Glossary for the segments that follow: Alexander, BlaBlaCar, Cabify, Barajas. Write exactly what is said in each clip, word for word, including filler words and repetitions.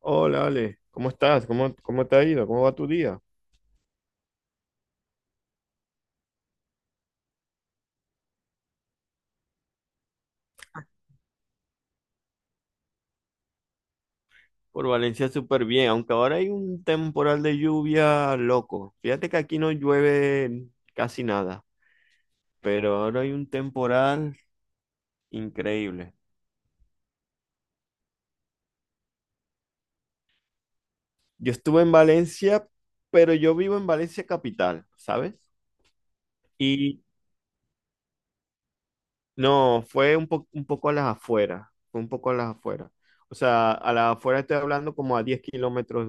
Hola, Ale, ¿cómo estás? ¿Cómo, cómo te ha ido? ¿Cómo va tu día? Por Valencia súper bien, aunque ahora hay un temporal de lluvia loco. Fíjate que aquí no llueve casi nada, pero ahora hay un temporal increíble. Yo estuve en Valencia, pero yo vivo en Valencia capital, ¿sabes? Y no, fue un po- un poco a las afueras, fue un poco a las afueras. O sea, a las afueras estoy hablando como a diez kilómetros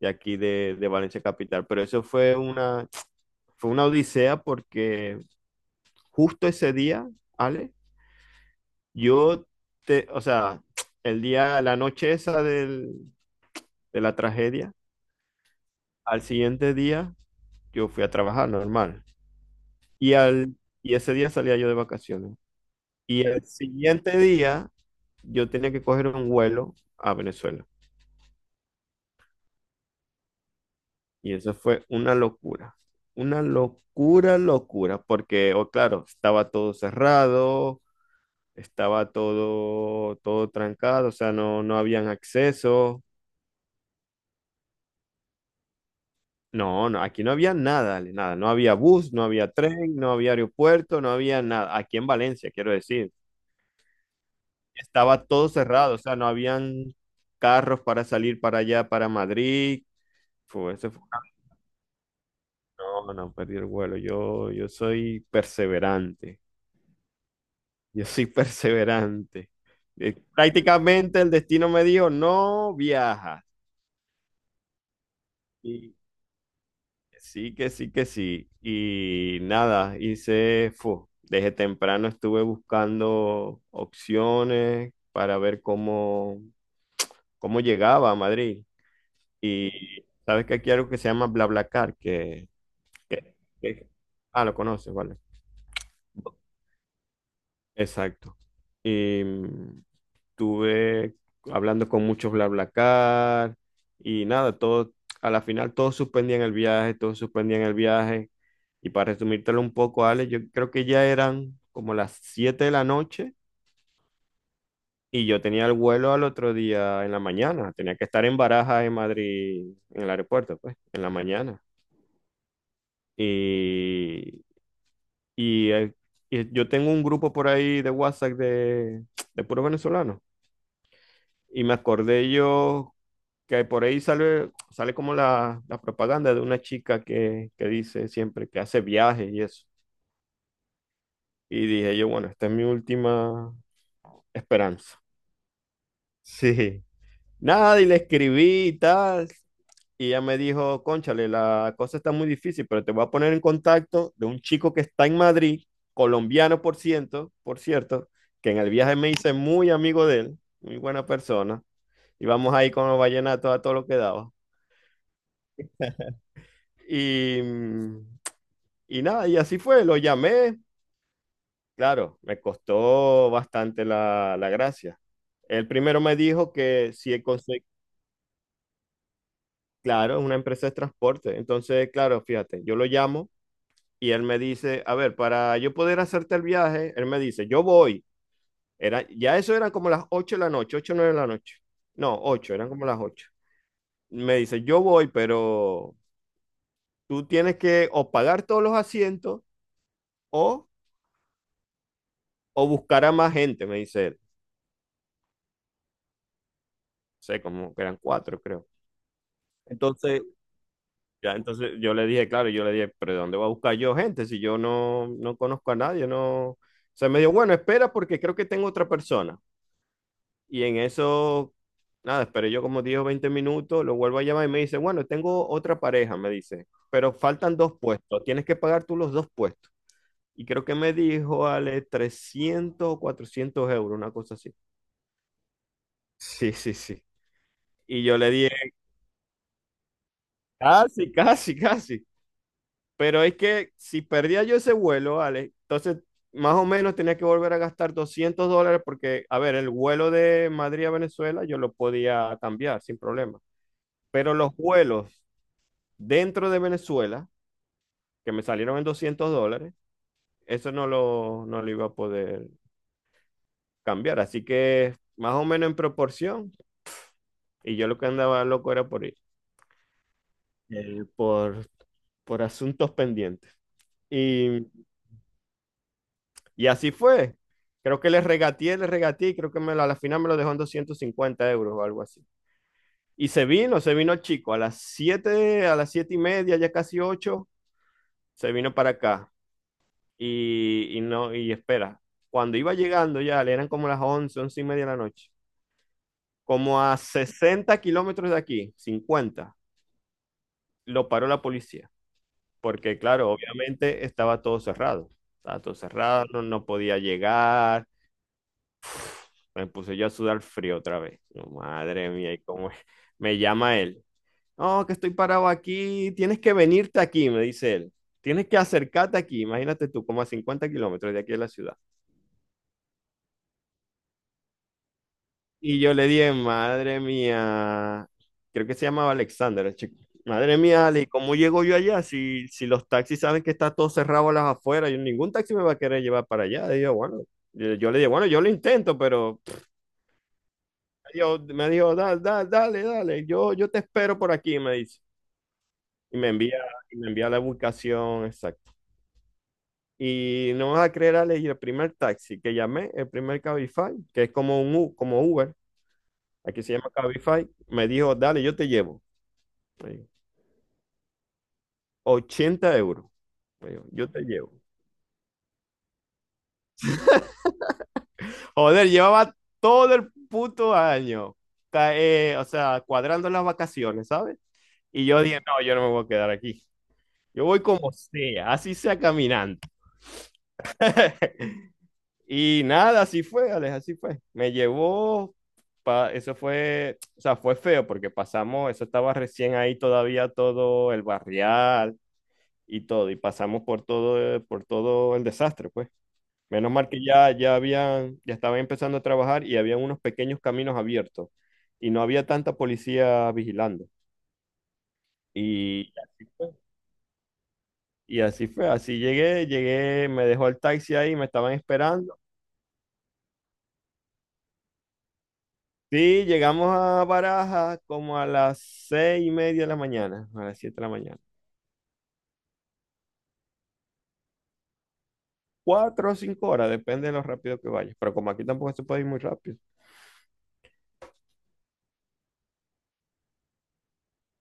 de aquí de, de Valencia Capital. Pero eso fue una, fue una odisea porque justo ese día, Ale, yo te, o sea, el día, la noche esa del, de la tragedia, al siguiente día yo fui a trabajar normal. Y, al, y ese día salía yo de vacaciones. Y el siguiente día yo tenía que coger un vuelo a Venezuela. Y eso fue una locura. Una locura, locura, porque, oh, claro, estaba todo cerrado, estaba todo, todo trancado, o sea, no, no habían acceso. No, no, aquí no había nada, Ale, nada. No había bus, no había tren, no había aeropuerto, no había nada. Aquí en Valencia, quiero decir. Estaba todo cerrado, o sea, no habían carros para salir para allá, para Madrid. Fue, eso fue- no, no, perdí el vuelo. Yo, yo soy perseverante. Yo soy perseverante. Eh, prácticamente el destino me dijo, no viajas. Sí, que sí, que sí. Y nada, hice, fu, desde temprano estuve buscando opciones para ver cómo, cómo llegaba a Madrid. Y sabes que aquí hay algo que se llama BlaBlaCar, que, que, que- ah, lo conoces, vale. Exacto. Y, mm, Estuve hablando con muchos BlaBlaCar y nada, todo, a la final todos suspendían el viaje, todos suspendían el viaje. Y para resumírtelo un poco, Ale, yo creo que ya eran como las siete de la noche y yo tenía el vuelo al otro día en la mañana. Tenía que estar en Barajas, en Madrid, en el aeropuerto, pues, en la mañana. Y, y, eh, y yo tengo un grupo por ahí de WhatsApp de, de puros venezolanos. Y me acordé yo que por ahí sale, sale como la, la propaganda de una chica que, que dice siempre que hace viajes y eso. Y dije yo, bueno, esta es mi última esperanza. Sí. Nada, y le escribí y tal. Y ella me dijo, cónchale, la cosa está muy difícil, pero te voy a poner en contacto de un chico que está en Madrid, colombiano por ciento, por cierto, que en el viaje me hice muy amigo de él, muy buena persona. Y vamos ahí con los vallenatos a todo lo que daba. Y, mm, y nada, y así fue, lo llamé. Claro, me costó bastante la, la gracia. El primero me dijo que si conseguía, claro, es una empresa de transporte. Entonces, claro, fíjate, yo lo llamo y él me dice, a ver, para yo poder hacerte el viaje, él me dice, yo voy. Era, ya eso era como las ocho de la noche, ocho o nueve de la noche. No, ocho eran como las ocho. Me dice, yo voy, pero tú tienes que o pagar todos los asientos o, o buscar a más gente, me dice él. Sé, como que eran cuatro, creo. Entonces, ya, entonces yo le dije, claro, yo le dije, pero ¿de ¿dónde voy a buscar yo gente si yo no, no conozco a nadie? No. O sea, me dijo, bueno, espera porque creo que tengo otra persona. Y en eso, nada, esperé yo como diez o veinte minutos, lo vuelvo a llamar y me dice, bueno, tengo otra pareja, me dice, pero faltan dos puestos, tienes que pagar tú los dos puestos. Y creo que me dijo, Ale, trescientos o cuatrocientos euros, una cosa así. Sí, sí, sí. Y yo le dije, casi, casi, casi. Pero es que si perdía yo ese vuelo, Alex, entonces más o menos tenía que volver a gastar doscientos dólares porque, a ver, el vuelo de Madrid a Venezuela yo lo podía cambiar sin problema. Pero los vuelos dentro de Venezuela, que me salieron en doscientos dólares, eso no lo, no lo iba a poder cambiar. Así que más o menos en proporción. Y yo lo que andaba loco era por ir, eh, por, por asuntos pendientes. Y Y así fue. Creo que le regateé, le regateé y creo que me, la- a la final me lo dejó en doscientos cincuenta euros o algo así. Y se vino, se vino el chico a las siete a las siete y media, ya casi ocho se vino para acá. Y, y no, y espera, cuando iba llegando ya, le eran como las once once y media de la noche, como a sesenta kilómetros de aquí, cincuenta, lo paró la policía. Porque claro, obviamente estaba todo cerrado. Estaba todo cerrado, no no podía llegar. Me puse yo a sudar frío otra vez. Yo, madre mía, ¿y cómo es? Me llama él. No, que estoy parado aquí. Tienes que venirte aquí, me dice él. Tienes que acercarte aquí. Imagínate tú, como a cincuenta kilómetros de aquí de la ciudad. Y yo le dije, madre mía, creo que se llamaba Alexander, el chico. Madre mía, Ale, ¿cómo llego yo allá? Si, si los taxis saben que está todo cerrado a las afueras, yo, ningún taxi me va a querer llevar para allá. Y yo, bueno, yo, yo le dije, bueno, yo lo intento, pero yo- me dijo, dale, dale, dale, dale, yo, yo te espero por aquí, me dice. Y me envía, y me envía la ubicación exacta. Y no vas a creer, Ale, y el primer taxi que llamé, el primer Cabify, que es como un U- como Uber, aquí se llama Cabify, me dijo, dale, yo te llevo. Me dijo, ochenta euros. Me dijo, yo te llevo. Joder, llevaba todo el puto año, ca- eh, o sea, cuadrando las vacaciones, ¿sabes? Y yo dije, no, yo no me voy a quedar aquí. Yo voy como sea, así sea caminando. Y nada, así fue, Alex, así fue. Me llevó, pa- eso fue, o sea, fue feo porque pasamos, eso estaba recién ahí todavía todo el barrial y todo, y pasamos por todo, por todo el desastre, pues. Menos mal que ya, ya habían, ya estaban empezando a trabajar y había unos pequeños caminos abiertos y no había tanta policía vigilando. Y así fue, y así fue, así llegué, llegué, me dejó el taxi ahí, me estaban esperando. Sí, llegamos a Barajas como a las seis y media de la mañana, a las siete de la mañana. Cuatro o cinco horas, depende de lo rápido que vayas. Pero como aquí tampoco se puede ir muy rápido.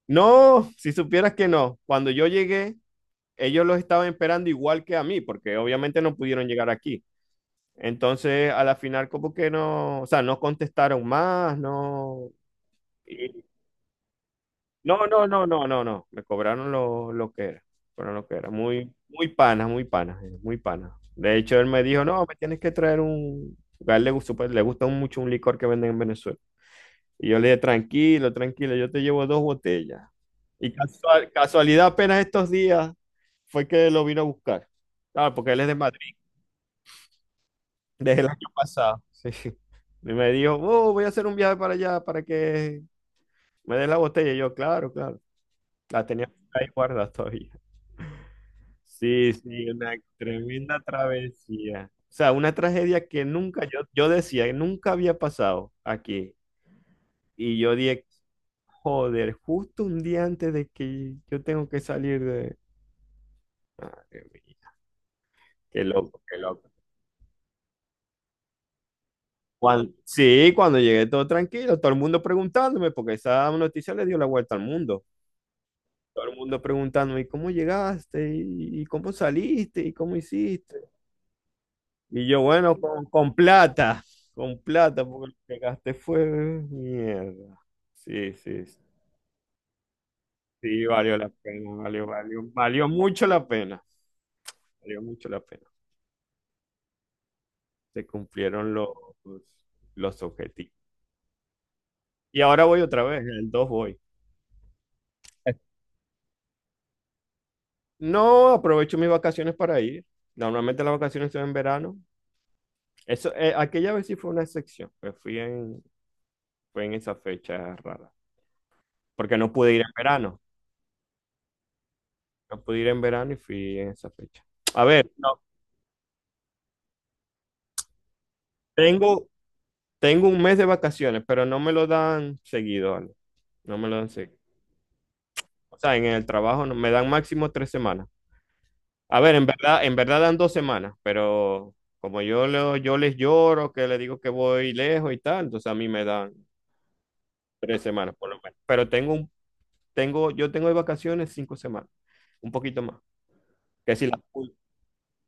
No, si supieras que no. Cuando yo llegué, ellos los estaban esperando igual que a mí, porque obviamente no pudieron llegar aquí. Entonces, a la final, como que no, o sea, no contestaron más, no. No, no, no, no, no, no. Me cobraron lo, lo que era. Fueron lo que era. Muy, muy panas, muy panas, eh, muy panas. De hecho, él me dijo, no, me tienes que traer un. A él le gustó, pues, le gusta mucho un licor que venden en Venezuela. Y yo le dije, tranquilo, tranquilo, yo te llevo dos botellas. Y casual- casualidad, apenas estos días fue que lo vino a buscar. Claro, porque él es de Madrid, desde el año pasado. Sí. Y me dijo, oh, voy a hacer un viaje para allá para que me des la botella. Y yo, claro, claro. La tenía ahí guardada todavía. Sí, sí, una tremenda travesía. O sea, una tragedia que nunca, yo, yo decía, que nunca había pasado aquí. Y yo dije, joder, justo un día antes de que yo tengo que salir de... Madre mía, qué loco, qué loco. Cuan- sí, cuando llegué todo tranquilo, todo el mundo preguntándome, porque esa noticia le dio la vuelta al mundo. Todo el mundo preguntándome, ¿y cómo llegaste? ¿Y y cómo saliste? ¿Y cómo hiciste? Y yo, bueno, con, con plata, con plata, porque lo que gasté fue mierda. Sí, sí, sí. Sí, valió la pena, valió, valió, valió mucho la pena, valió mucho la pena. Se cumplieron los, los objetivos. Y ahora voy otra vez, en el dos voy. No aprovecho mis vacaciones para ir. Normalmente las vacaciones son en verano. Eso, eh, aquella vez sí fue una excepción, pues fui en, fue en esa fecha rara, porque no pude ir en verano. No pude ir en verano y fui en esa fecha. A ver, no, tengo, tengo un mes de vacaciones, pero no me lo dan seguido, Ale. No me lo dan seguido. O sea, en el trabajo no- me dan máximo tres semanas. A ver, en verdad, en verdad dan dos semanas, pero como yo, lo- yo les lloro, que les digo que voy lejos y tal, entonces a mí me dan tres semanas por lo menos. Pero tengo, un- tengo, yo tengo de vacaciones cinco semanas, un poquito más. Que si las, pu-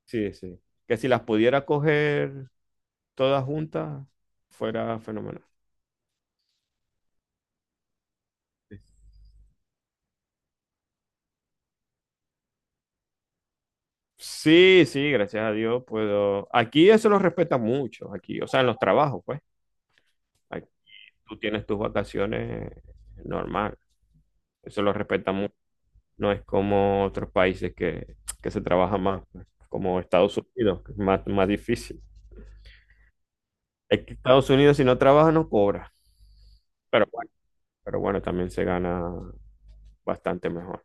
Sí, sí. Que si las pudiera coger todas juntas, fuera fenomenal. Sí, sí, gracias a Dios puedo. Aquí eso lo respeta mucho, aquí, o sea, en los trabajos, pues. Aquí tú tienes tus vacaciones normal, eso lo respeta mucho. No es como otros países que, que se trabaja más, pues, como Estados Unidos, que es más, más difícil. Es que Estados Unidos si no trabaja no cobra, pero bueno, pero bueno, también se gana bastante mejor.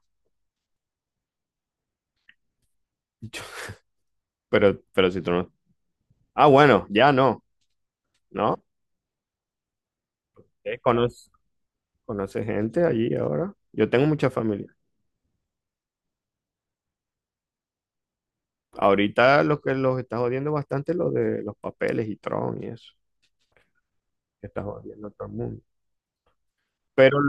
Pero, pero si tú no... Ah, bueno, ya no, ¿no? Eh, conoce- ¿Conoce gente allí ahora? Yo tengo mucha familia. Ahorita lo que los está jodiendo bastante es lo de los papeles y Tron y eso, que está jodiendo a todo el mundo. Pero,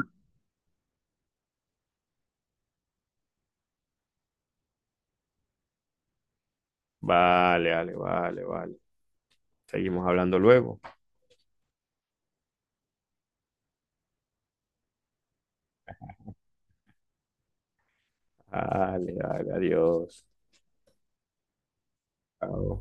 vale, vale, vale, vale. seguimos hablando luego. Vale, vale, adiós. Chao.